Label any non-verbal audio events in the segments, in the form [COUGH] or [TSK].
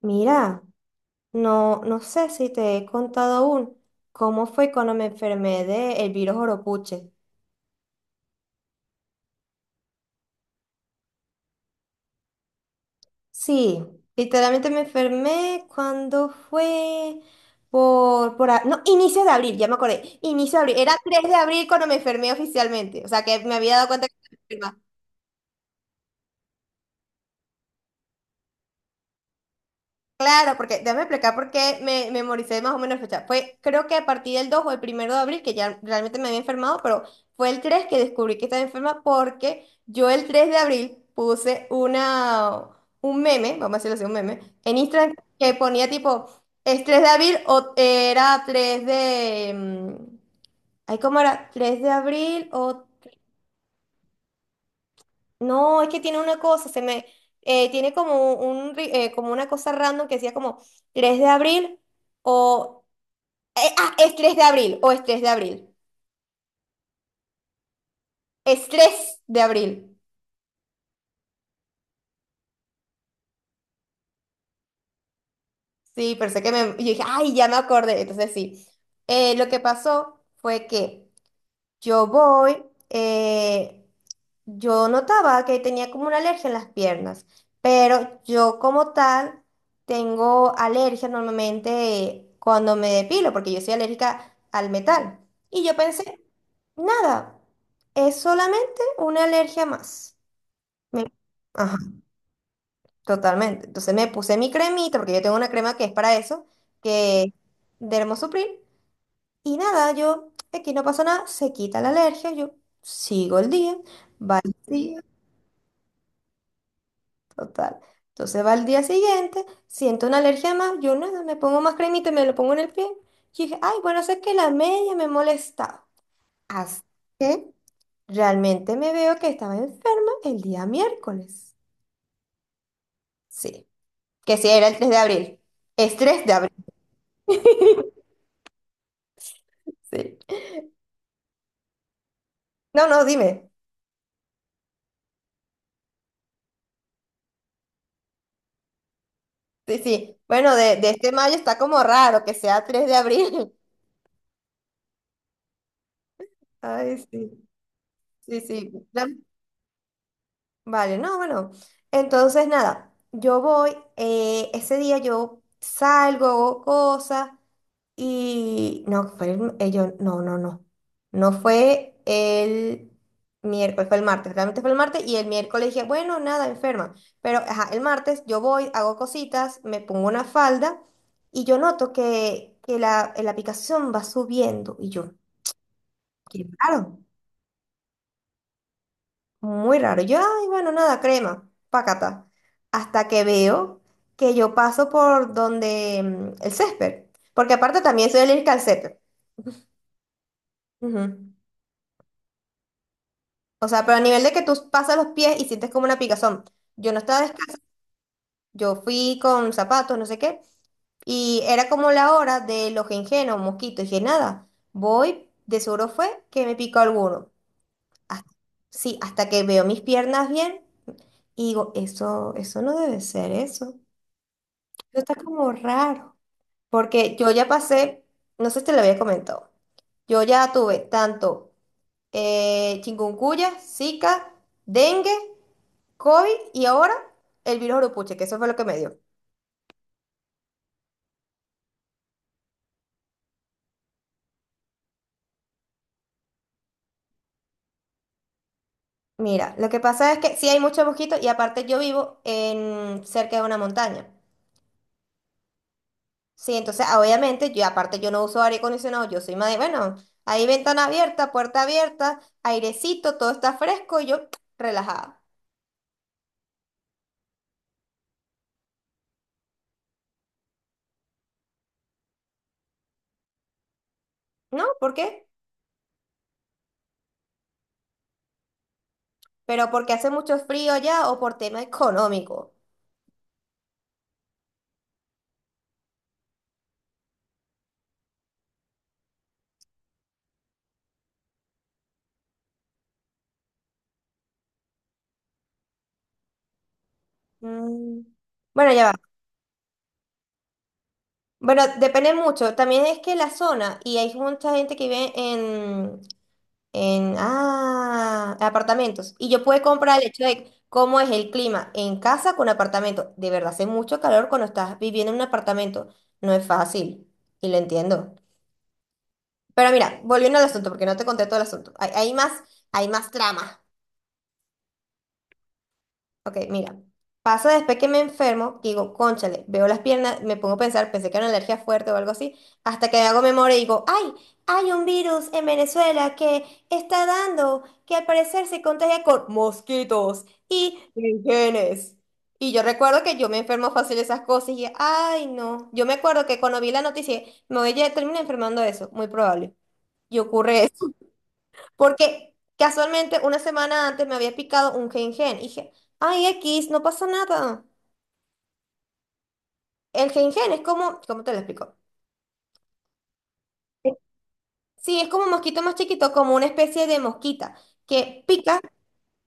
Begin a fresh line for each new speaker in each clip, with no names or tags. Mira, no, no sé si te he contado aún cómo fue cuando me enfermé del virus Oropuche. Sí, literalmente me enfermé cuando fue por... No, inicios de abril, ya me acordé. Inicios de abril. Era 3 de abril cuando me enfermé oficialmente. O sea que me había dado cuenta que claro, porque déjame explicar por qué me memoricé más o menos la fecha. Fue, creo que a partir del 2 o el primero de abril, que ya realmente me había enfermado, pero fue el tres que descubrí que estaba enferma porque yo el 3 de abril puse una, un meme, vamos a decirlo así, un meme, en Instagram que ponía tipo, es 3 de abril o era 3 de... ay, ¿cómo era? 3 de abril o no, es que tiene una cosa, se me tiene como un como una cosa random que decía como 3 de abril o es 3 de abril o es 3 de abril. Es 3 de abril. Sí, pero sé que me yo dije, "Ay, ya me acordé". Entonces sí. Lo que pasó fue que yo voy, yo notaba que tenía como una alergia en las piernas, pero yo como tal tengo alergia normalmente cuando me depilo, porque yo soy alérgica al metal. Y yo pensé, nada, es solamente una alergia más. Me- Ajá, totalmente. Entonces me puse mi cremita, porque yo tengo una crema que es para eso, que es de Hermosupril, y nada, yo, aquí no pasó nada, se quita la alergia, yo sigo el día, va el día, total. Entonces va el día siguiente, siento una alergia más, yo nada, me pongo más cremita y me lo pongo en el pie. Y dije, ay, bueno, sé que la media me molestaba. Hasta que realmente me veo que estaba enferma el día miércoles. Sí, que sí, era el 3 de abril. Es 3 de abril. [LAUGHS] Sí. No, no, dime. Sí, sí. Bueno, de este mayo está como raro que sea 3 de abril. [LAUGHS] Ay, sí. Sí, sí, vale, no, bueno. Entonces, nada, yo voy, ese día yo salgo, hago cosas y no, fue el, no, no, no. No fue el miércoles, fue el martes, realmente fue el martes y el miércoles dije, bueno, nada, enferma. Pero, ajá, el martes yo voy, hago cositas, me pongo una falda y yo noto que, que la aplicación va subiendo y yo, qué raro. Muy raro. Yo, ay, bueno, nada, crema, pácata. Hasta que veo que yo paso por donde el césped. Porque aparte también soy alérgica al césped. Ujú. O sea, pero a nivel de que tú pasas los pies y sientes como una picazón. Yo no estaba descalza. Yo fui con zapatos, no sé qué. Y era como la hora de los o mosquitos. Y dije, nada, voy, de seguro fue que me picó alguno. Hasta- sí, hasta que veo mis piernas bien y digo, eso no debe ser eso. Eso está como raro, porque yo ya pasé, no sé si te lo había comentado, yo ya tuve tanto chikungunya, Zika, dengue, COVID y ahora el virus Urupuche, que eso fue lo que me dio. Mira, lo que pasa es que sí hay muchos mosquitos y aparte yo vivo en cerca de una montaña. Sí, entonces ah, obviamente yo aparte yo no uso aire acondicionado, yo soy más de, bueno, hay ventana abierta, puerta abierta, airecito, todo está fresco y yo [TSK] relajada. ¿No? ¿Por qué? ¿Pero porque hace mucho frío ya o por tema económico? Mm, Bueno, ya va. Bueno, depende mucho. También es que la zona, y hay mucha gente que vive en ah, apartamentos. Y yo puedo comprar el hecho de cómo es el clima en casa con apartamento. De verdad, hace mucho calor cuando estás viviendo en un apartamento. No es fácil. Y lo entiendo. Pero mira, volviendo al asunto, porque no te conté todo el asunto. Hay más trama. Ok, mira. Pasa después que me enfermo, que digo, cónchale, veo las piernas, me pongo a pensar, pensé que era una alergia fuerte o algo así, hasta que hago memoria y digo, ¡ay! Hay un virus en Venezuela que está dando, que al parecer se contagia con mosquitos y genes. Y yo recuerdo que yo me enfermo fácil de esas cosas y, ¡ay no! Yo me acuerdo que cuando vi la noticia, me voy a terminar enfermando de eso, muy probable. Y ocurre porque casualmente una semana antes me había picado un gen-gen. Y dije, ay, X, no pasa nada. El gen-gen es como, ¿cómo te lo explico? Sí, es como un mosquito más chiquito, como una especie de mosquita que pica.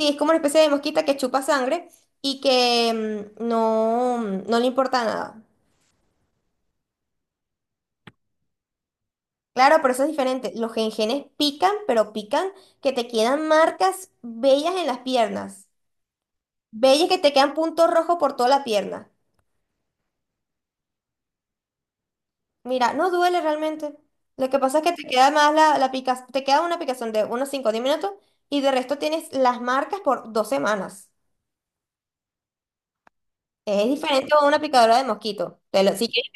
Sí, es como una especie de mosquita que chupa sangre y que no le importa nada. Claro, pero eso es diferente. Los gengenes pican, pero pican que te quedan marcas bellas en las piernas. Bellas que te quedan puntos rojos por toda la pierna. Mira, no duele realmente. Lo que pasa es que te queda más la te queda una picazón de unos 5 o 10 minutos y de resto tienes las marcas por 2 semanas. Es diferente a una picadora de mosquito. Si quieres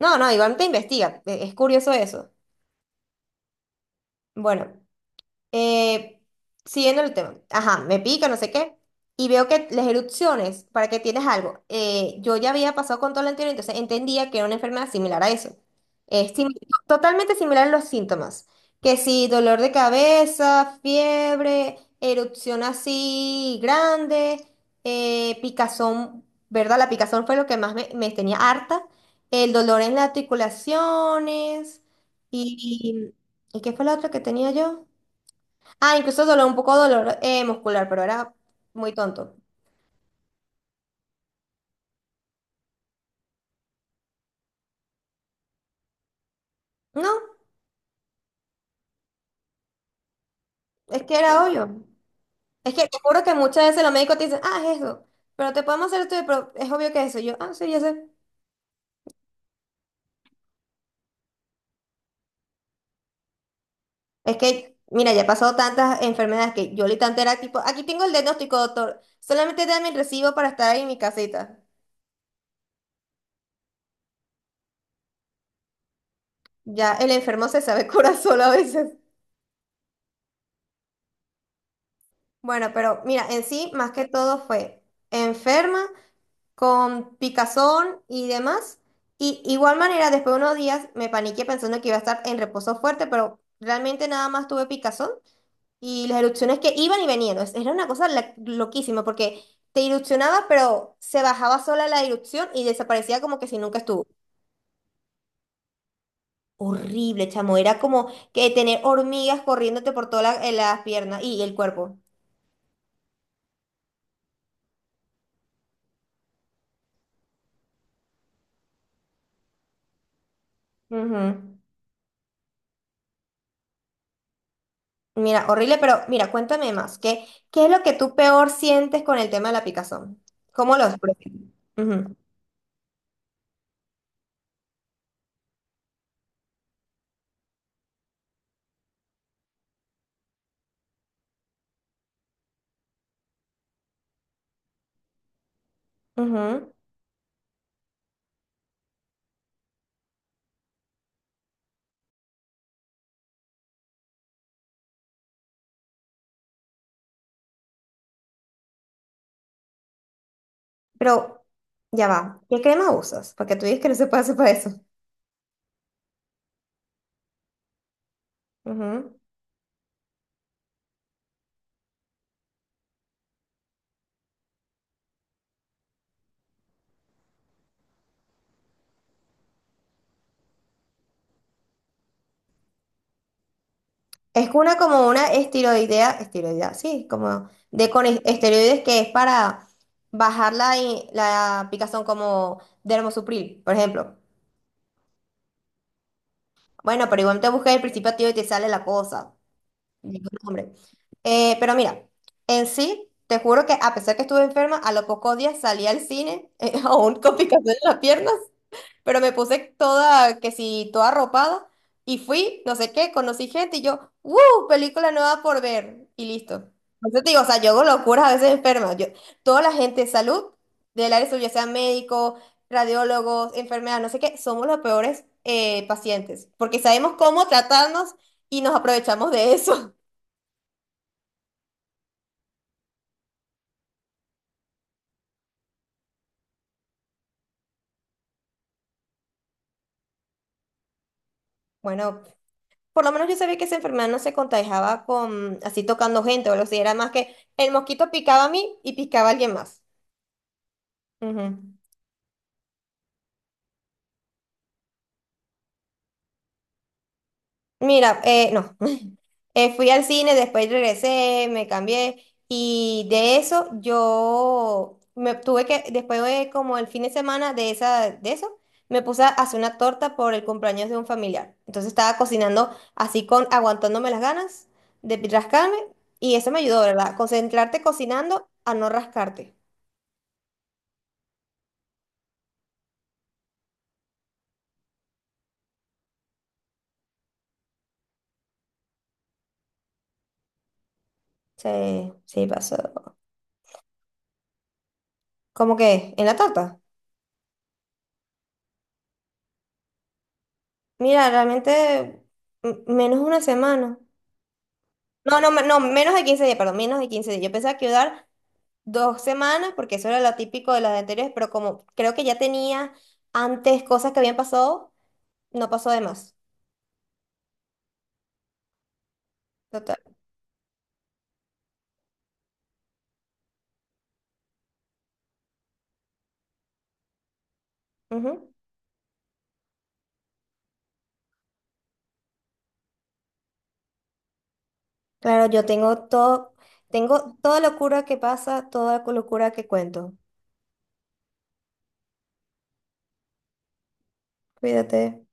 no, no, igual te investiga. Es curioso eso. Bueno, Eh, siguiendo el tema, ajá, me pica, no sé qué, y veo que las erupciones, para que tienes algo, yo ya había pasado con todo lo anterior, entonces entendía que era una enfermedad similar a eso. Es simi- totalmente similar a los síntomas, que si dolor de cabeza, fiebre, erupción así grande, picazón, ¿verdad? La picazón fue lo que más me tenía harta, el dolor en las articulaciones, y, ¿y qué fue la otra que tenía yo? Ah, incluso dolor, un poco dolor muscular, pero era muy tonto. No, es que era obvio. Es que te juro que muchas veces los médicos te dicen, ah, es eso, pero te podemos hacer esto, pero es obvio que es eso. Y yo, ah, sí, ya sé. Es que, mira, ya he pasado tantas enfermedades que yo literalmente era tipo, aquí tengo el diagnóstico, doctor, solamente dame el recibo para estar en mi casita. Ya el enfermo se sabe [LAUGHS] curar solo a veces. Bueno, pero mira, en sí, más que todo fue enferma con picazón y demás. Y igual manera, después de unos días me paniqué pensando que iba a estar en reposo fuerte, pero realmente nada más tuve picazón y las erupciones que iban y venían. Era una cosa loquísima porque te erupcionaba, pero se bajaba sola la erupción y desaparecía como que si nunca estuvo. Horrible, chamo. Era como que tener hormigas corriéndote por todas las piernas y el cuerpo. Ujú. Mira, horrible, pero mira, cuéntame más. ¿Qué, qué es lo que tú peor sientes con el tema de la picazón? ¿Cómo lo expresas? Ujú, ujú. Pero ya va. ¿Qué crema usas? Porque tú dices que no se puede hacer para eso. Ujú. Es una como una esteroidea, esteroidea, sí, como de con esteroides que es para bajar la picazón como dermosupril, por ejemplo. Bueno, pero igual te buscas el principio activo y te sale la cosa. Digo, "No, hombre". Pero mira, en sí, te juro que a pesar que estuve enferma, a los pocos días salí al cine, [LAUGHS] aún con picazón en las piernas, pero me puse toda, que si, toda arropada, y fui, no sé qué, conocí gente y yo, ¡wow! Película nueva por ver, y listo. Entonces te digo, o sea, yo hago locuras a veces enferma. Yo, toda la gente de salud, del área de salud, ya sean médicos, radiólogos, enfermeras, no sé qué, somos los peores pacientes, porque sabemos cómo tratarnos y nos aprovechamos de eso. Bueno, por lo menos yo sabía que esa enfermedad no se contagiaba con así tocando gente o lo que era más que el mosquito picaba a mí y picaba a alguien más. Ujú. Mira, no, [LAUGHS] fui al cine, después regresé, me cambié y de eso yo me tuve que, después de como el fin de semana de esa, de eso, me puse a hacer una torta por el cumpleaños de un familiar. Entonces estaba cocinando así con, aguantándome las ganas de rascarme y eso me ayudó, ¿verdad? Concentrarte cocinando a no rascarte. Sí, sí pasó. ¿Cómo que? ¿En la torta? Mira, realmente menos una semana. No, menos de 15 días, perdón, menos de 15 días. Yo pensaba que iba a dar 2 semanas, porque eso era lo típico de las anteriores, pero como creo que ya tenía antes cosas que habían pasado, no pasó de más. Total. Ujú. Claro, yo tengo todo, tengo toda locura que pasa, toda locura que cuento. Cuídate.